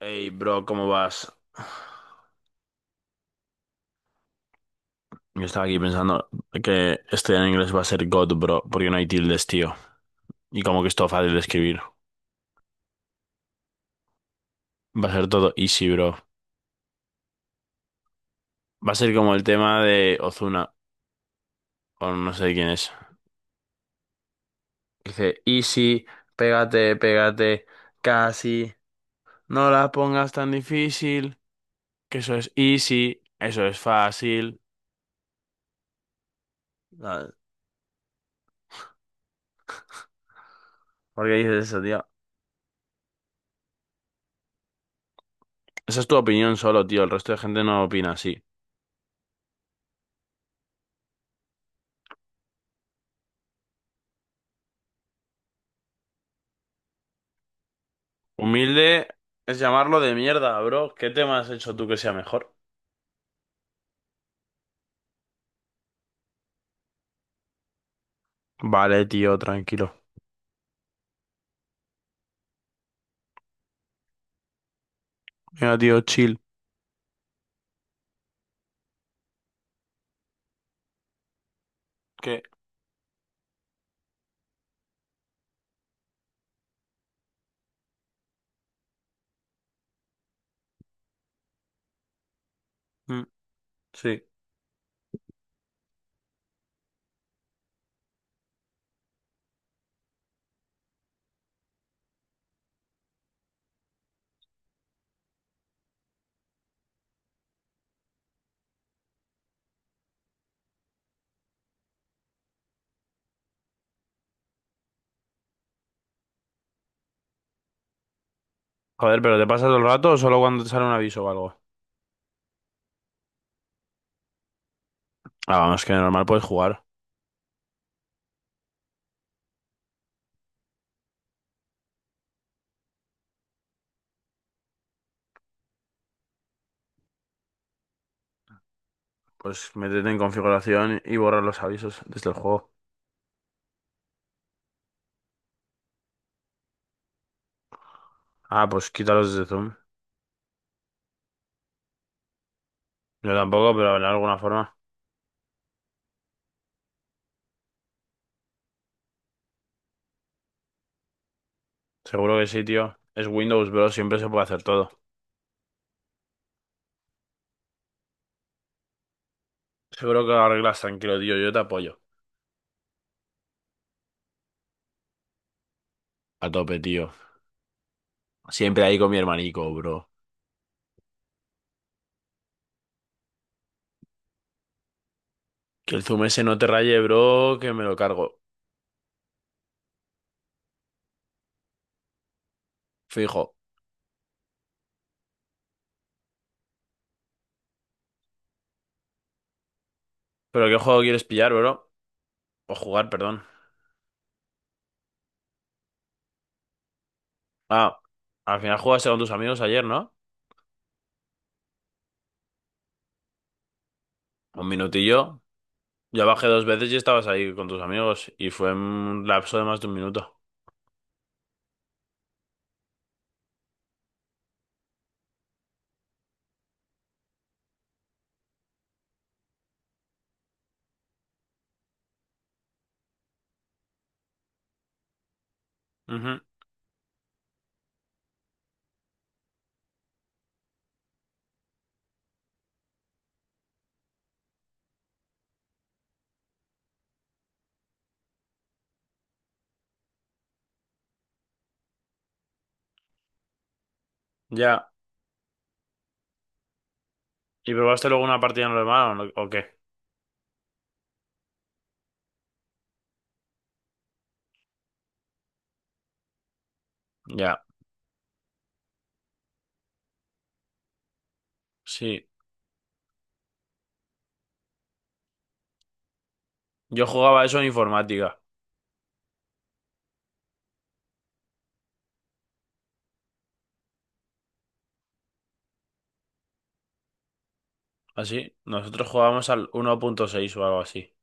Hey, bro, ¿cómo vas? Yo estaba aquí pensando que estudiar inglés va a ser God, bro, porque no hay tildes, tío. Y como que es todo fácil de escribir. Va a ser todo easy, bro. Va a ser como el tema de Ozuna, o no sé quién es. Dice, easy, pégate, pégate, casi. No la pongas tan difícil, que eso es easy, eso es fácil. Ah, ¿por qué dices eso, tío? Esa es tu opinión solo, tío. El resto de gente no opina así. Humilde es llamarlo de mierda, bro. ¿Qué tema has hecho tú que sea mejor? Vale, tío, tranquilo. Mira, tío, chill. ¿Qué? Mm, sí. Joder, ¿pero te pasa todo el rato o solo cuando te sale un aviso o algo? Ah, vamos, que normal puedes jugar. Pues métete en configuración y borrar los avisos desde el juego. Ah, pues quítalos desde Zoom. Yo tampoco, pero de alguna forma. Seguro que sí, tío. Es Windows, bro, siempre se puede hacer todo. Seguro que lo arreglas tranquilo, tío. Yo te apoyo. A tope, tío. Siempre ahí con mi hermanico, bro. Que el zoom ese no te raye, bro, que me lo cargo. Fijo. ¿Pero qué juego quieres pillar, bro? O jugar, perdón. Ah, al final jugaste con tus amigos ayer, ¿no? Un minutillo. Yo bajé dos veces y estabas ahí con tus amigos. Y fue un lapso de más de un minuto. Ujú. Ya. ¿Y probaste luego una partida normal o, no- o qué? Ya. Sí. Yo jugaba eso en informática. Así. Nosotros jugábamos al uno punto seis o algo así.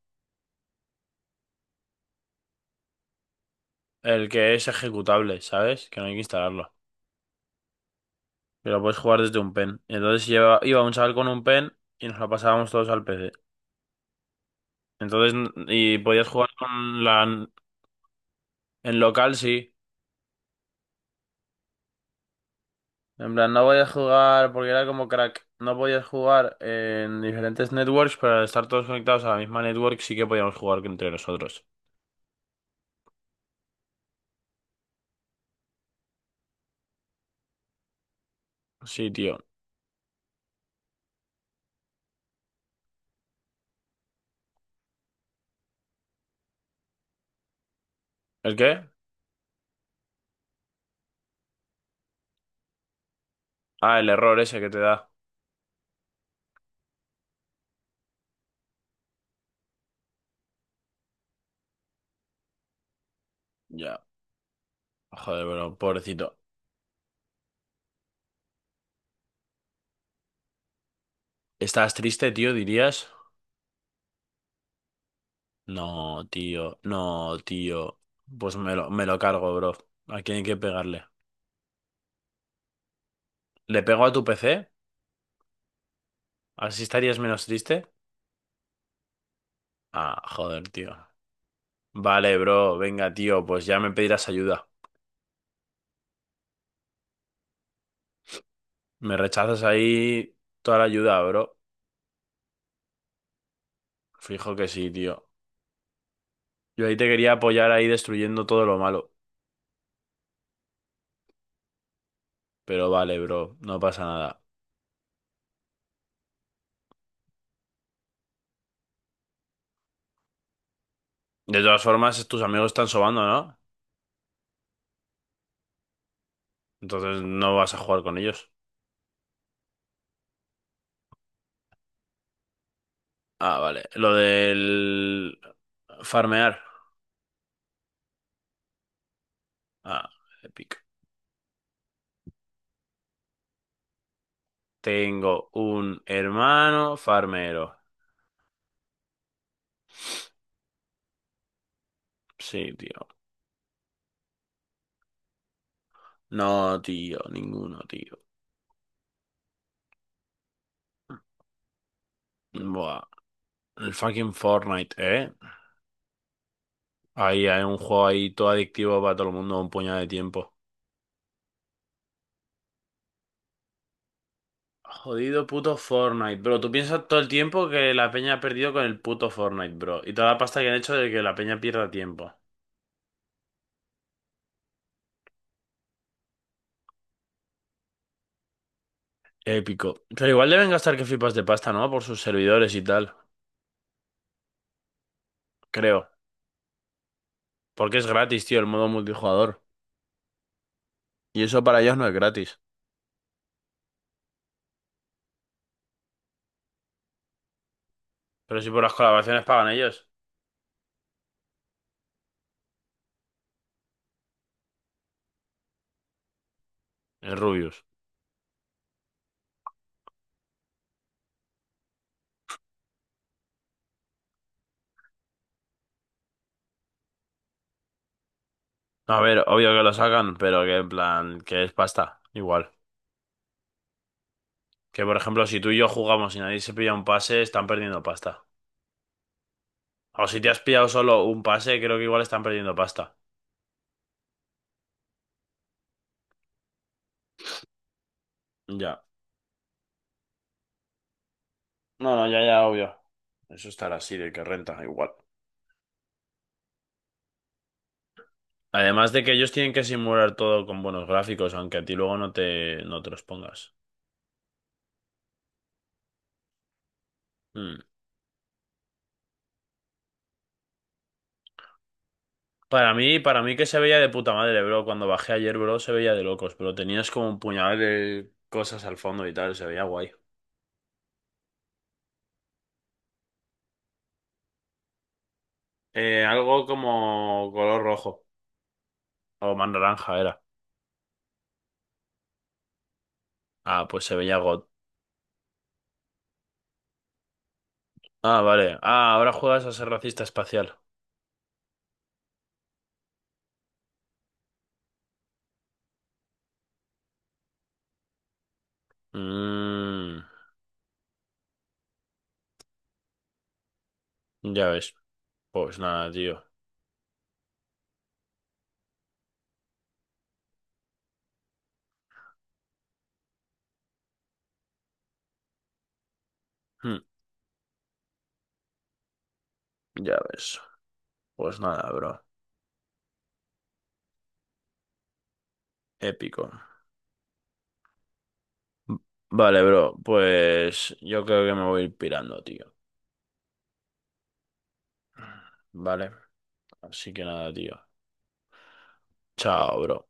El que es ejecutable, ¿sabes? Que no hay que instalarlo, que lo puedes jugar desde un pen. Entonces lleva, iba un chaval con un pen y nos lo pasábamos todos al PC. Y podías jugar con la... En local sí. En plan, no podías jugar porque era como crack. No podías jugar en diferentes networks, pero al estar todos conectados a la misma network sí que podíamos jugar entre nosotros. Sí, tío. ¿El qué? Ah, el error ese que te da. Ya. Joder, bro, pobrecito. ¿Estás triste, tío, dirías? No, tío. No, tío. Pues me lo cargo, bro. ¿A quién hay que pegarle? ¿Le pego a tu PC? ¿Así estarías menos triste? Ah, joder, tío. Vale, bro, venga, tío, pues ya me pedirás ayuda. Me rechazas ahí toda la ayuda, bro. Fijo que sí, tío. Yo ahí te quería apoyar ahí destruyendo todo lo malo. Pero vale, bro, no pasa nada. De todas formas, tus amigos están sobando, ¿no? Entonces no vas a jugar con ellos. Ah, vale. Lo del... Farmear. Ah, épico. Tengo un hermano farmero. Sí, tío. No, tío, ninguno, tío. Buah, el fucking Fortnite, ¿eh? Ahí hay un juego ahí todo adictivo para todo el mundo, un puñado de tiempo. Jodido puto Fortnite, bro. Tú piensas todo el tiempo que la peña ha perdido con el puto Fortnite, bro. Y toda la pasta que han hecho de que la peña pierda tiempo. Épico. Pero igual deben gastar que flipas de pasta, ¿no? Por sus servidores y tal. Creo. Porque es gratis, tío, el modo multijugador. Y eso para ellos no es gratis. Pero si por las colaboraciones pagan ellos. Es Rubius. No, a ver, obvio que lo sacan, pero que en plan, que es pasta, igual. Que por ejemplo, si tú y yo jugamos y nadie se pilla un pase, están perdiendo pasta. O si te has pillado solo un pase, creo que igual están perdiendo pasta. Ya. No, no, ya, ya, obvio. Eso estará así, de que renta, igual. Además de que ellos tienen que simular todo con buenos gráficos, aunque a ti luego no te los pongas. Mm. Para mí que se veía de puta madre, bro. Cuando bajé ayer, bro, se veía de locos, pero tenías como un puñal de cosas al fondo y tal, se veía guay. Algo como color rojo o más naranja era. Ah, pues se veía God. Ah, vale. Ah, ahora juegas a ser racista espacial. Mm, ya ves. Pues nada, tío. Hmm, ya ves. Pues nada, bro. Épico. V- Vale, bro. Pues yo creo que me voy a ir pirando, tío. Vale. Así que nada, tío. Chao, bro.